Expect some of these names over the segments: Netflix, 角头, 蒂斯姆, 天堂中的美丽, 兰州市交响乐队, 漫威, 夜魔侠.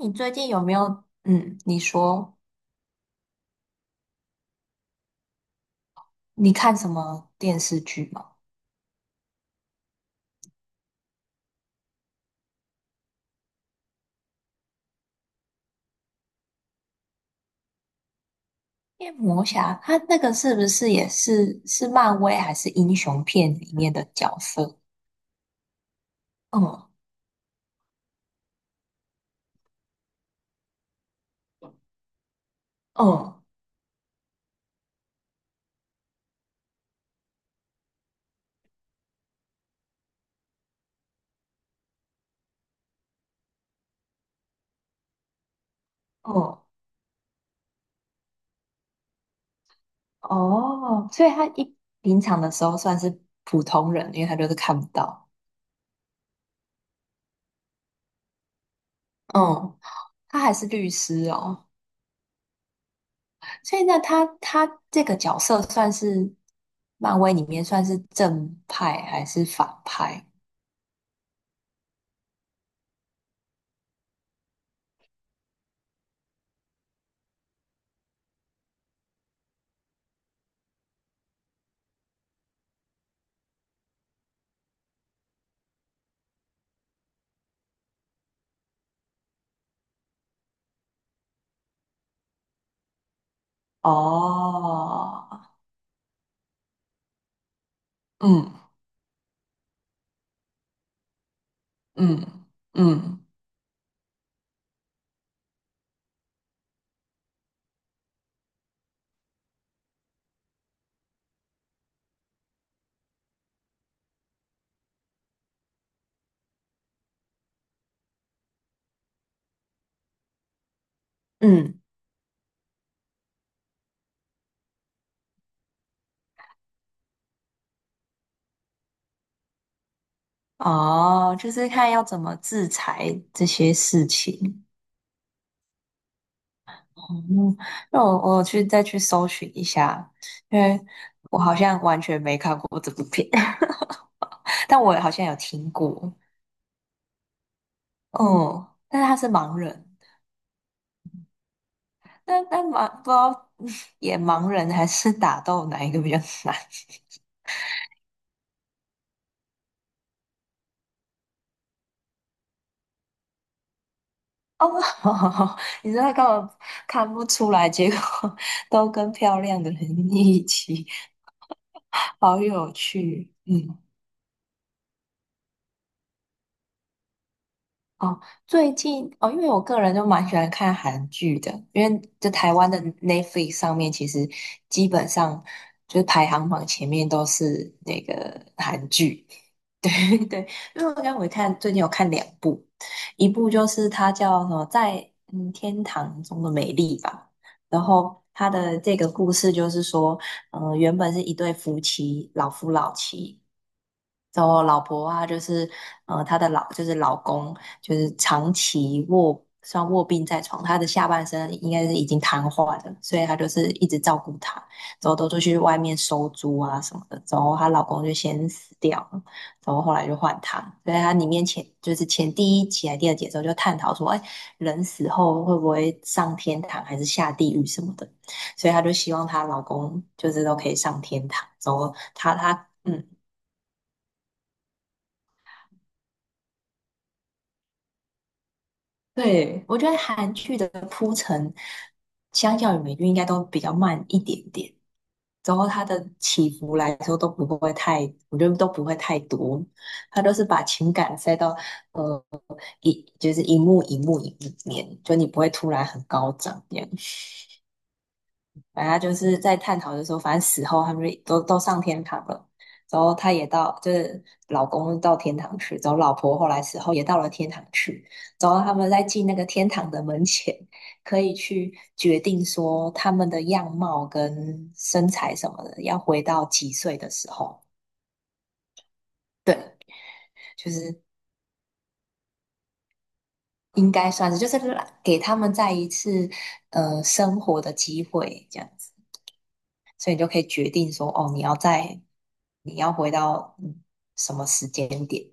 你最近有没有，你说你看什么电视剧吗？夜魔侠，他那个是不是也是漫威还是英雄片里面的角色？嗯嗯嗯。哦，所以他一平常的时候算是普通人，因为他就是看不到。嗯，他还是律师哦，所以那他这个角色算是漫威里面算是正派还是反派？哦。嗯嗯嗯嗯。哦，就是看要怎么制裁这些事情。哦，那我再去搜寻一下，因为我好像完全没看过这部片，但我好像有听过。哦，但是他是盲人，那那盲不知道 演盲人还是打斗哪一个比较难？哦，你根本看不出来，结果 都跟漂亮的人一起，好有趣。嗯。哦，最近哦，因为我个人就蛮喜欢看韩剧的，因为在台湾的 Netflix 上面，其实基本上就是排行榜前面都是那个韩剧。对对，因为我看最近有看两部，一部就是它叫什么在天堂中的美丽吧，然后它的这个故事就是说，原本是一对夫妻，老夫老妻。然后老婆啊，就是她的老公，就是长期卧病在床，她的下半身应该是已经瘫痪了，所以她就是一直照顾她，之后都出去外面收租啊什么的，之后她老公就先死掉了，然后后来就换她，所以她里面前就是前第一集还第二集的时候就探讨说，哎，人死后会不会上天堂还是下地狱什么的，所以她就希望她老公就是都可以上天堂，之后她她。嗯。对，我觉得韩剧的相较于美剧应该都比较慢一点点，然后它的起伏来说都不会太，我觉得都不会太多，它都是把情感塞到呃一就是一幕一幕一幕里面，就你不会突然很高涨这样。反正他就是在探讨的时候，反正死后他们就都上天堂了。然后他也到，就是老公到天堂去，然后老婆后来死后也到了天堂去。然后他们在进那个天堂的门前，可以去决定说他们的样貌跟身材什么的，要回到几岁的时候。对，就是应该算是，就是给他们再一次生活的机会，这样子。所以你就可以决定说，哦，你要回到什么时间点，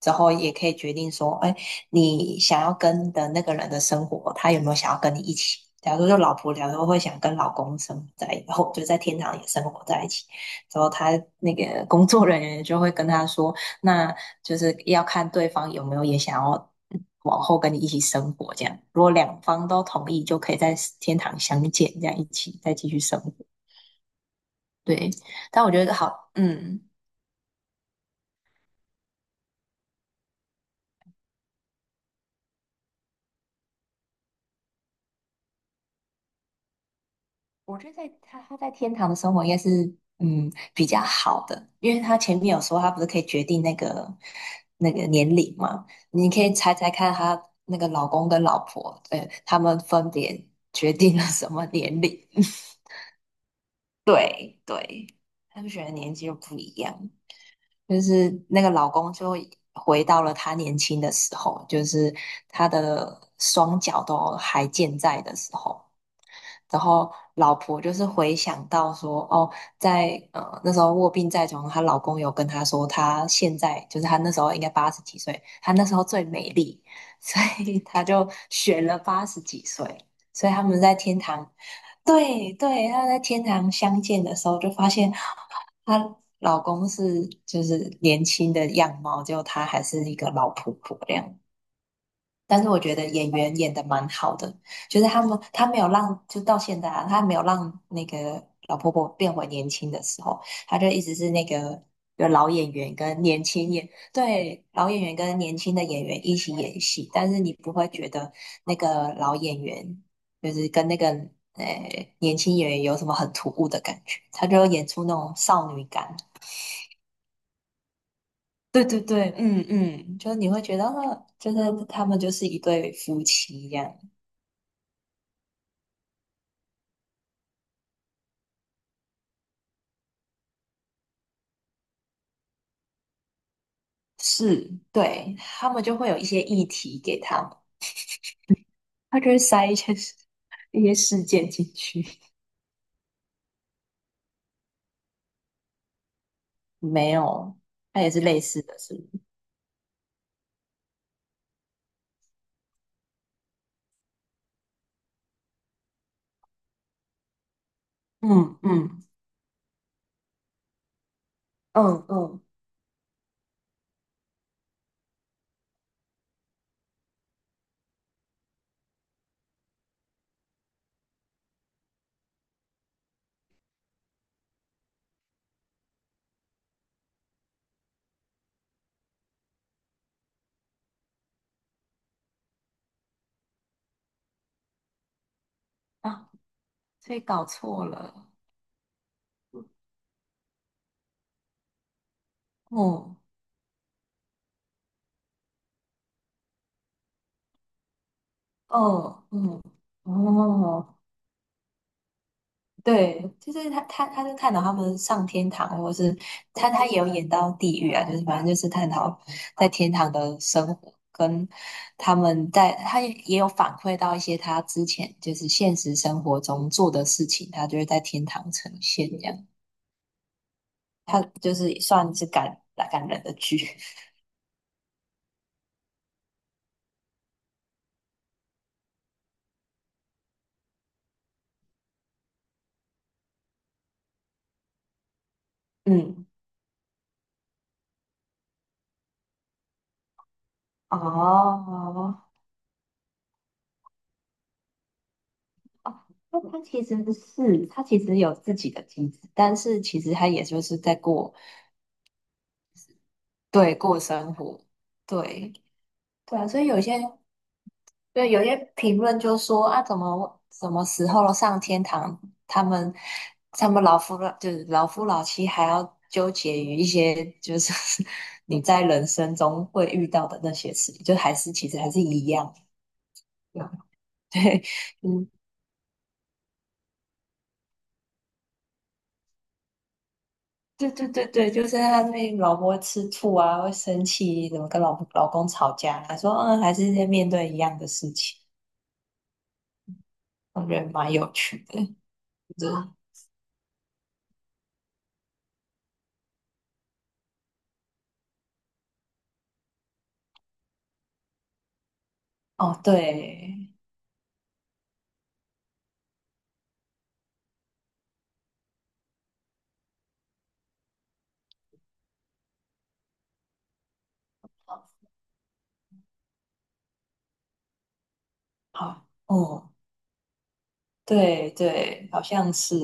之后也可以决定说，哎，你想要跟的那个人的生活，他有没有想要跟你一起？假如说老婆，假如说会想跟老公生活在一起，然后就在天堂也生活在一起，之后他那个工作人员就会跟他说，那就是要看对方有没有也想要往后跟你一起生活，这样如果两方都同意，就可以在天堂相见，这样一起再继续生活。对，但我觉得好，我觉得他在天堂的生活应该是比较好的，因为他前面有说他不是可以决定那个年龄嘛，你可以猜猜看他那个老公跟老婆，他们分别决定了什么年龄？对对，他们选的年纪又不一样，就是那个老公就回到了他年轻的时候，就是他的双脚都还健在的时候。然后老婆就是回想到说，哦，在那时候卧病在床，她老公有跟她说，她现在就是她那时候应该八十几岁，她那时候最美丽，所以她就选了八十几岁，所以他们在天堂，对对，他们在天堂相见的时候就发现她老公是年轻的样貌，结果她还是一个老婆婆这样。但是我觉得演员演的蛮好的，就是他没有让，就到现在啊，他没有让那个老婆婆变回年轻的时候，他就一直是那个有老演员跟年轻演，对，老演员跟年轻的演员一起演戏，但是你不会觉得那个老演员就是跟那个年轻演员有什么很突兀的感觉，他就演出那种少女感。对对对，嗯嗯，就是你会觉得，就是他们就是一对夫妻一样。是，对，他们就会有一些议题给他们，他就会塞一些事件进去。没有，他也是类似的，是不是嗯。嗯嗯嗯啊，所以搞错了。嗯。哦。哦。嗯。哦，对，就是他就探讨他们上天堂，或是他也有演到地狱啊，就是反正就是探讨在天堂的生活，跟他们在，他也有反馈到一些他之前就是现实生活中做的事情，他就会在天堂呈现这样，他就是算是感人的剧，嗯，哦。哦，那他其实是，他其实有自己的机制，但是其实他也就是在过，对，过生活，对，对啊，所以有些评论就说啊，怎么什么时候上天堂，他们他们老夫老妻还要纠结于一些就是 你在人生中会遇到的那些事情，就还是其实还是一样。对啊，嗯，对对对对，就是他那老婆会吃醋啊，会生气，怎么跟老婆老公吵架啊，他说嗯，还是在面对一样的事情，我觉得蛮有趣的。就是哦，对。好，哦，对对，好像是，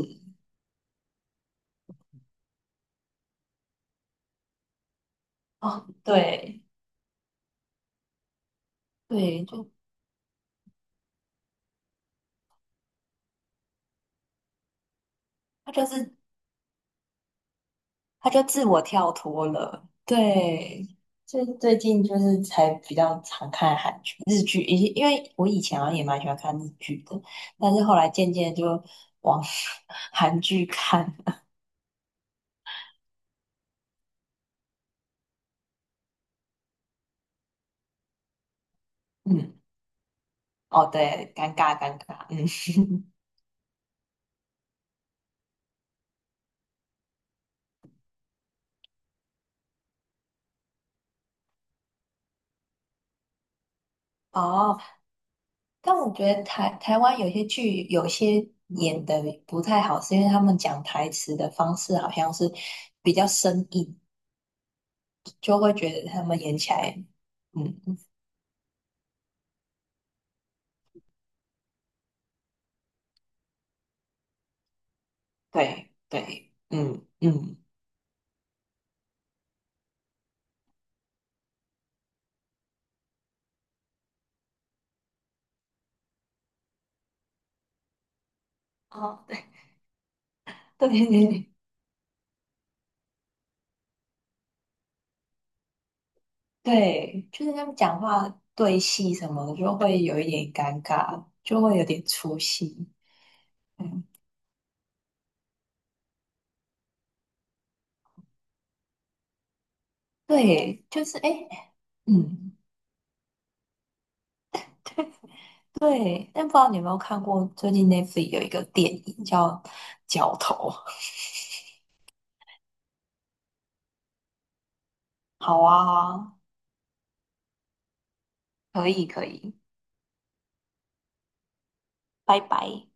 哦，对对，就他就是他就自我跳脱了，对，最近就是才比较常看韩剧、日剧，因为我以前好像也蛮喜欢看日剧的，但是后来渐渐就往 韩剧看，嗯，哦，对，尴尬尴尬，嗯，哦，但我觉得台湾有些剧有些演的不太好，是因为他们讲台词的方式好像是比较生硬，就会觉得他们演起来，嗯，对对，嗯嗯，哦，对，对对对对就是他们讲话对戏什么的就会有一点尴尬，就会有点出戏。嗯，对，就是哎，诶。嗯，对，但不知道你有没有看过最近 Netflix 有一个电影叫《角头》。好啊，可以可以，拜拜。